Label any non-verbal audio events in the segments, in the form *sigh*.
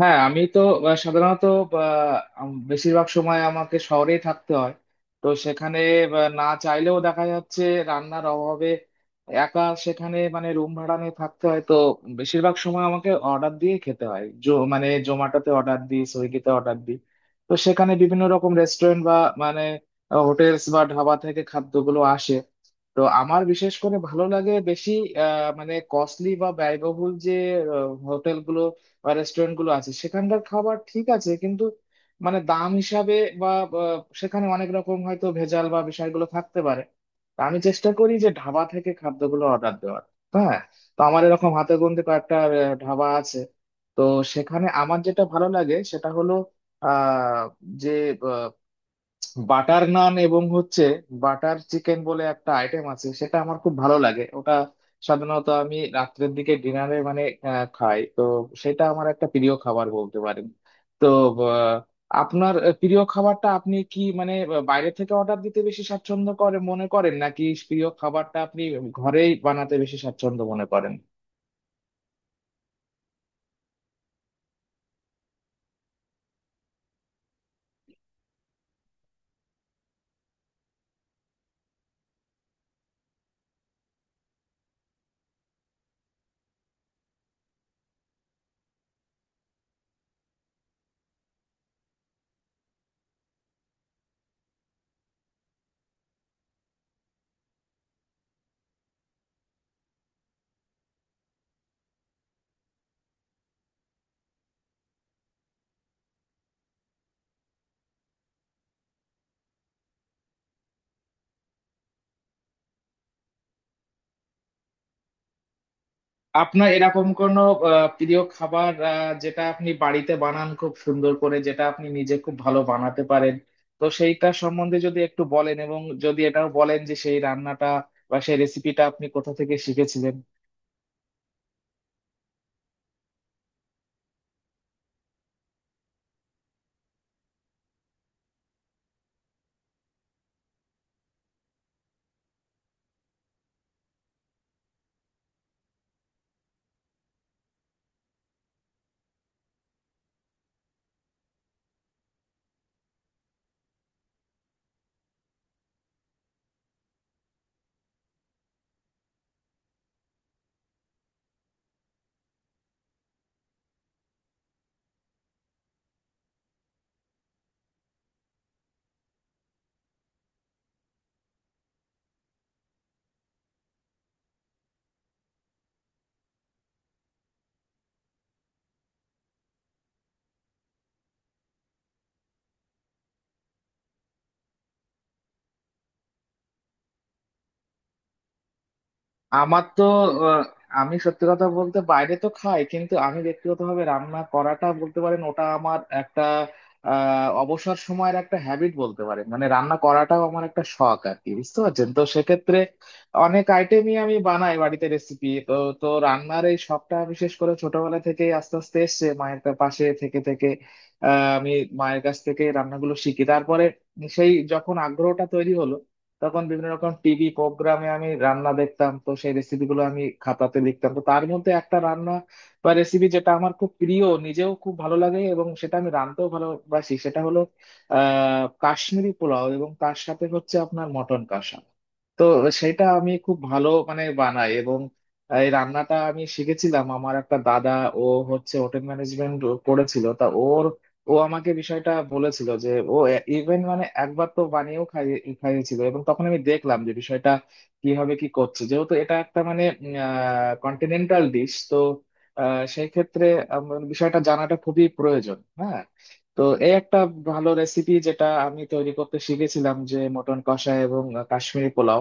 হ্যাঁ, আমি তো সাধারণত আহ, বেশিরভাগ সময় আমাকে শহরেই থাকতে হয়। তো সেখানে না চাইলেও দেখা যাচ্ছে রান্নার অভাবে একা সেখানে মানে রুম ভাড়া নিয়ে থাকতে হয়, তো বেশিরভাগ সময় আমাকে অর্ডার দিয়ে খেতে হয়। মানে জোম্যাটোতে অর্ডার দিই, সুইগিতে অর্ডার দিই। তো সেখানে বিভিন্ন রকম রেস্টুরেন্ট বা মানে হোটেলস বা ধাবা থেকে খাদ্যগুলো আসে। তো আমার বিশেষ করে ভালো লাগে বেশি, মানে কস্টলি বা ব্যয়বহুল যে হোটেল গুলো বা রেস্টুরেন্ট গুলো আছে সেখানকার খাবার ঠিক আছে, কিন্তু মানে দাম হিসাবে বা বা সেখানে অনেক রকম হয়তো ভেজাল বা বিষয়গুলো থাকতে পারে। তা আমি চেষ্টা করি যে ধাবা থেকে খাদ্যগুলো অর্ডার দেওয়ার। হ্যাঁ, তো আমার এরকম হাতে গোনতে কয়েকটা ধাবা আছে। তো সেখানে আমার যেটা ভালো লাগে সেটা হলো আহ যে বাটার নান এবং হচ্ছে বাটার চিকেন বলে একটা আইটেম আছে, সেটা আমার খুব ভালো লাগে। ওটা সাধারণত আমি রাত্রের দিকে ডিনারে মানে খাই, তো সেটা আমার একটা প্রিয় খাবার বলতে পারেন। তো আহ, আপনার প্রিয় খাবারটা আপনি কি মানে বাইরে থেকে অর্ডার দিতে বেশি স্বাচ্ছন্দ্য করে মনে করেন, নাকি প্রিয় খাবারটা আপনি ঘরেই বানাতে বেশি স্বাচ্ছন্দ্য মনে করেন? আপনার এরকম কোনো প্রিয় খাবার যেটা আপনি বাড়িতে বানান খুব সুন্দর করে, যেটা আপনি নিজে খুব ভালো বানাতে পারেন, তো সেইটা সম্বন্ধে যদি একটু বলেন, এবং যদি এটাও বলেন যে সেই রান্নাটা বা সেই রেসিপিটা আপনি কোথা থেকে শিখেছিলেন। আমার তো আহ, আমি সত্যি কথা বলতে বাইরে তো খাই, কিন্তু আমি ব্যক্তিগতভাবে রান্না করাটা বলতে পারেন ওটা আমার একটা অবসর সময়ের একটা হ্যাবিট বলতে পারেন। মানে রান্না করাটাও আমার একটা শখ আর কি, বুঝতে পারছেন? তো সেক্ষেত্রে অনেক আইটেমই আমি বানাই বাড়িতে, রেসিপি তো। তো রান্নার এই শখটা বিশেষ করে ছোটবেলা থেকেই আস্তে আস্তে এসছে মায়ের পাশে থেকে থেকে। আমি মায়ের কাছ থেকে রান্নাগুলো শিখি, তারপরে সেই যখন আগ্রহটা তৈরি হলো, তখন বিভিন্ন রকম টিভি প্রোগ্রামে আমি রান্না দেখতাম, তো সেই রেসিপি গুলো আমি খাতাতে লিখতাম। তো তার মধ্যে একটা রান্না বা রেসিপি যেটা আমার খুব প্রিয়, নিজেও খুব ভালো লাগে এবং সেটা আমি রাঁধতেও ভালোবাসি, সেটা হলো কাশ্মীরি পোলাও এবং তার সাথে হচ্ছে আপনার মটন কষা। তো সেটা আমি খুব ভালো মানে বানাই। এবং এই রান্নাটা আমি শিখেছিলাম আমার একটা দাদা, ও হচ্ছে হোটেল ম্যানেজমেন্ট করেছিল, তা ওর, ও আমাকে বিষয়টা বলেছিল যে ও ইভেন মানে একবার তো বানিয়েও খাইয়েছিল, এবং তখন আমি দেখলাম যে বিষয়টা কিভাবে কি করছে। যেহেতু এটা একটা মানে কন্টিনেন্টাল ডিশ, তো সেই ক্ষেত্রে আমার বিষয়টা জানাটা খুবই প্রয়োজন। হ্যাঁ, তো এই একটা ভালো রেসিপি যেটা আমি তৈরি করতে শিখেছিলাম, যে মটন কষা এবং কাশ্মীরি পোলাও,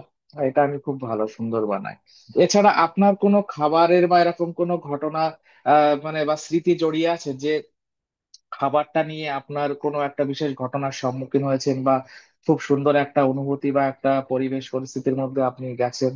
এটা আমি খুব ভালো সুন্দর বানাই। এছাড়া আপনার কোনো খাবারের বা এরকম কোনো ঘটনা মানে বা স্মৃতি জড়িয়ে আছে, যে খাবারটা নিয়ে আপনার কোনো একটা বিশেষ ঘটনার সম্মুখীন হয়েছেন বা খুব সুন্দর একটা অনুভূতি বা একটা পরিবেশ পরিস্থিতির মধ্যে আপনি গেছেন?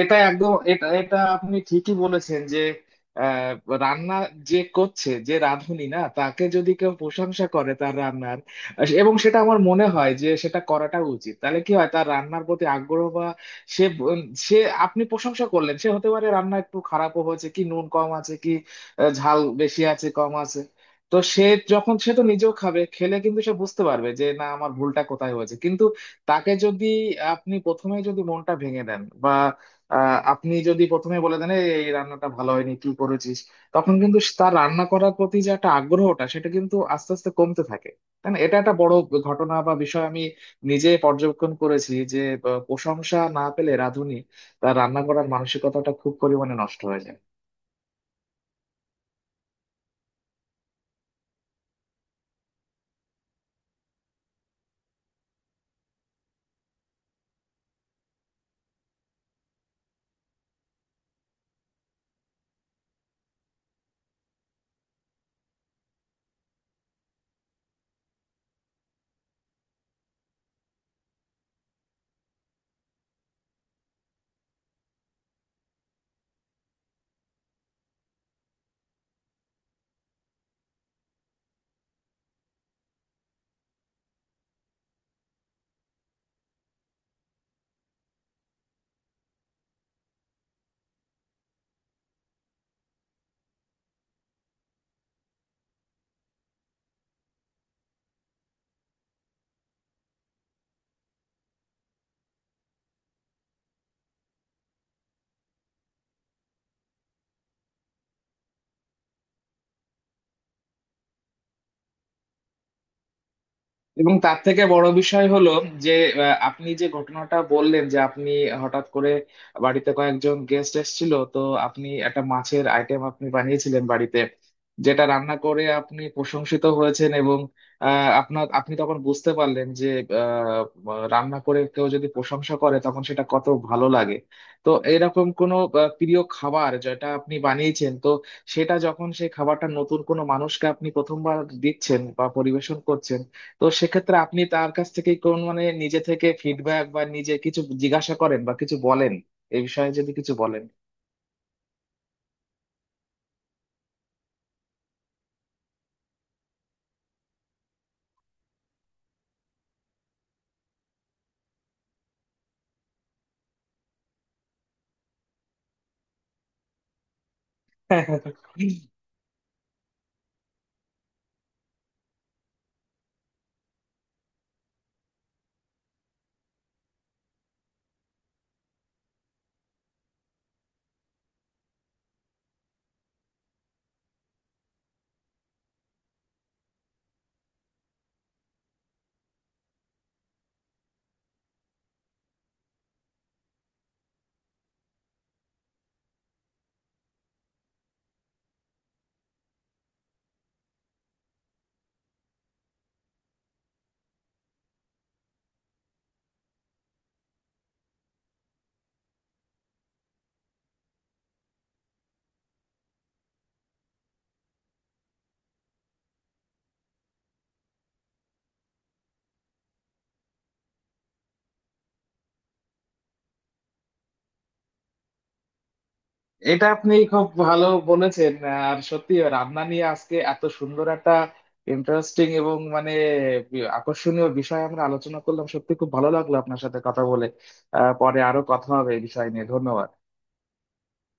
এটা একদম এটা এটা আপনি ঠিকই বলেছেন যে আহ, রান্না যে করছে, যে রাঁধুনি, না তাকে যদি কেউ প্রশংসা করে তার রান্নার, এবং সেটা আমার মনে হয় যে সেটা করাটা উচিত। তাহলে কি হয়, তার রান্নার প্রতি আগ্রহ বা সে ব- সে, আপনি প্রশংসা করলেন, সে হতে পারে রান্না একটু খারাপও হয়েছে, কি নুন কম আছে কি ঝাল বেশি আছে, কম আছে, তো সে যখন, সে তো নিজেও খাবে, খেলে কিন্তু সে বুঝতে পারবে যে না আমার ভুলটা কোথায় হয়েছে। কিন্তু তাকে যদি আপনি প্রথমেই যদি মনটা ভেঙে দেন, আপনি যদি প্রথমে বলে দেন "এই এই রান্নাটা ভালো হয়নি, কি করেছিস", তখন কিন্তু তার রান্না করার প্রতি যে একটা আগ্রহটা সেটা কিন্তু আস্তে আস্তে কমতে থাকে, তাই না? এটা একটা বড় ঘটনা বা বিষয়, আমি নিজে পর্যবেক্ষণ করেছি যে প্রশংসা না পেলে রাঁধুনি তার রান্না করার মানসিকতাটা খুব পরিমাণে নষ্ট হয়ে যায়। এবং তার থেকে বড় বিষয় হলো যে আপনি যে ঘটনাটা বললেন যে আপনি হঠাৎ করে বাড়িতে কয়েকজন গেস্ট এসেছিল, তো আপনি একটা মাছের আইটেম আপনি বানিয়েছিলেন বাড়িতে, যেটা রান্না করে আপনি প্রশংসিত হয়েছেন, এবং আপনার, আপনি তখন বুঝতে পারলেন যে আহ, রান্না করে কেউ যদি প্রশংসা করে তখন সেটা কত ভালো লাগে। তো এরকম কোনো প্রিয় খাবার যেটা আপনি বানিয়েছেন, তো সেটা যখন সেই খাবারটা নতুন কোনো মানুষকে আপনি প্রথমবার দিচ্ছেন বা পরিবেশন করছেন, তো সেক্ষেত্রে আপনি তার কাছ থেকে কোন মানে নিজে থেকে ফিডব্যাক বা নিজে কিছু জিজ্ঞাসা করেন বা কিছু বলেন, এই বিষয়ে যদি কিছু বলেন। *laughs* এটা আপনি খুব ভালো বলেছেন। আর সত্যি রান্না নিয়ে আজকে এত সুন্দর একটা ইন্টারেস্টিং এবং মানে আকর্ষণীয় বিষয় আমরা আলোচনা করলাম, সত্যি খুব ভালো লাগলো আপনার সাথে কথা বলে। পরে আরো কথা হবে এই বিষয় নিয়ে। ধন্যবাদ।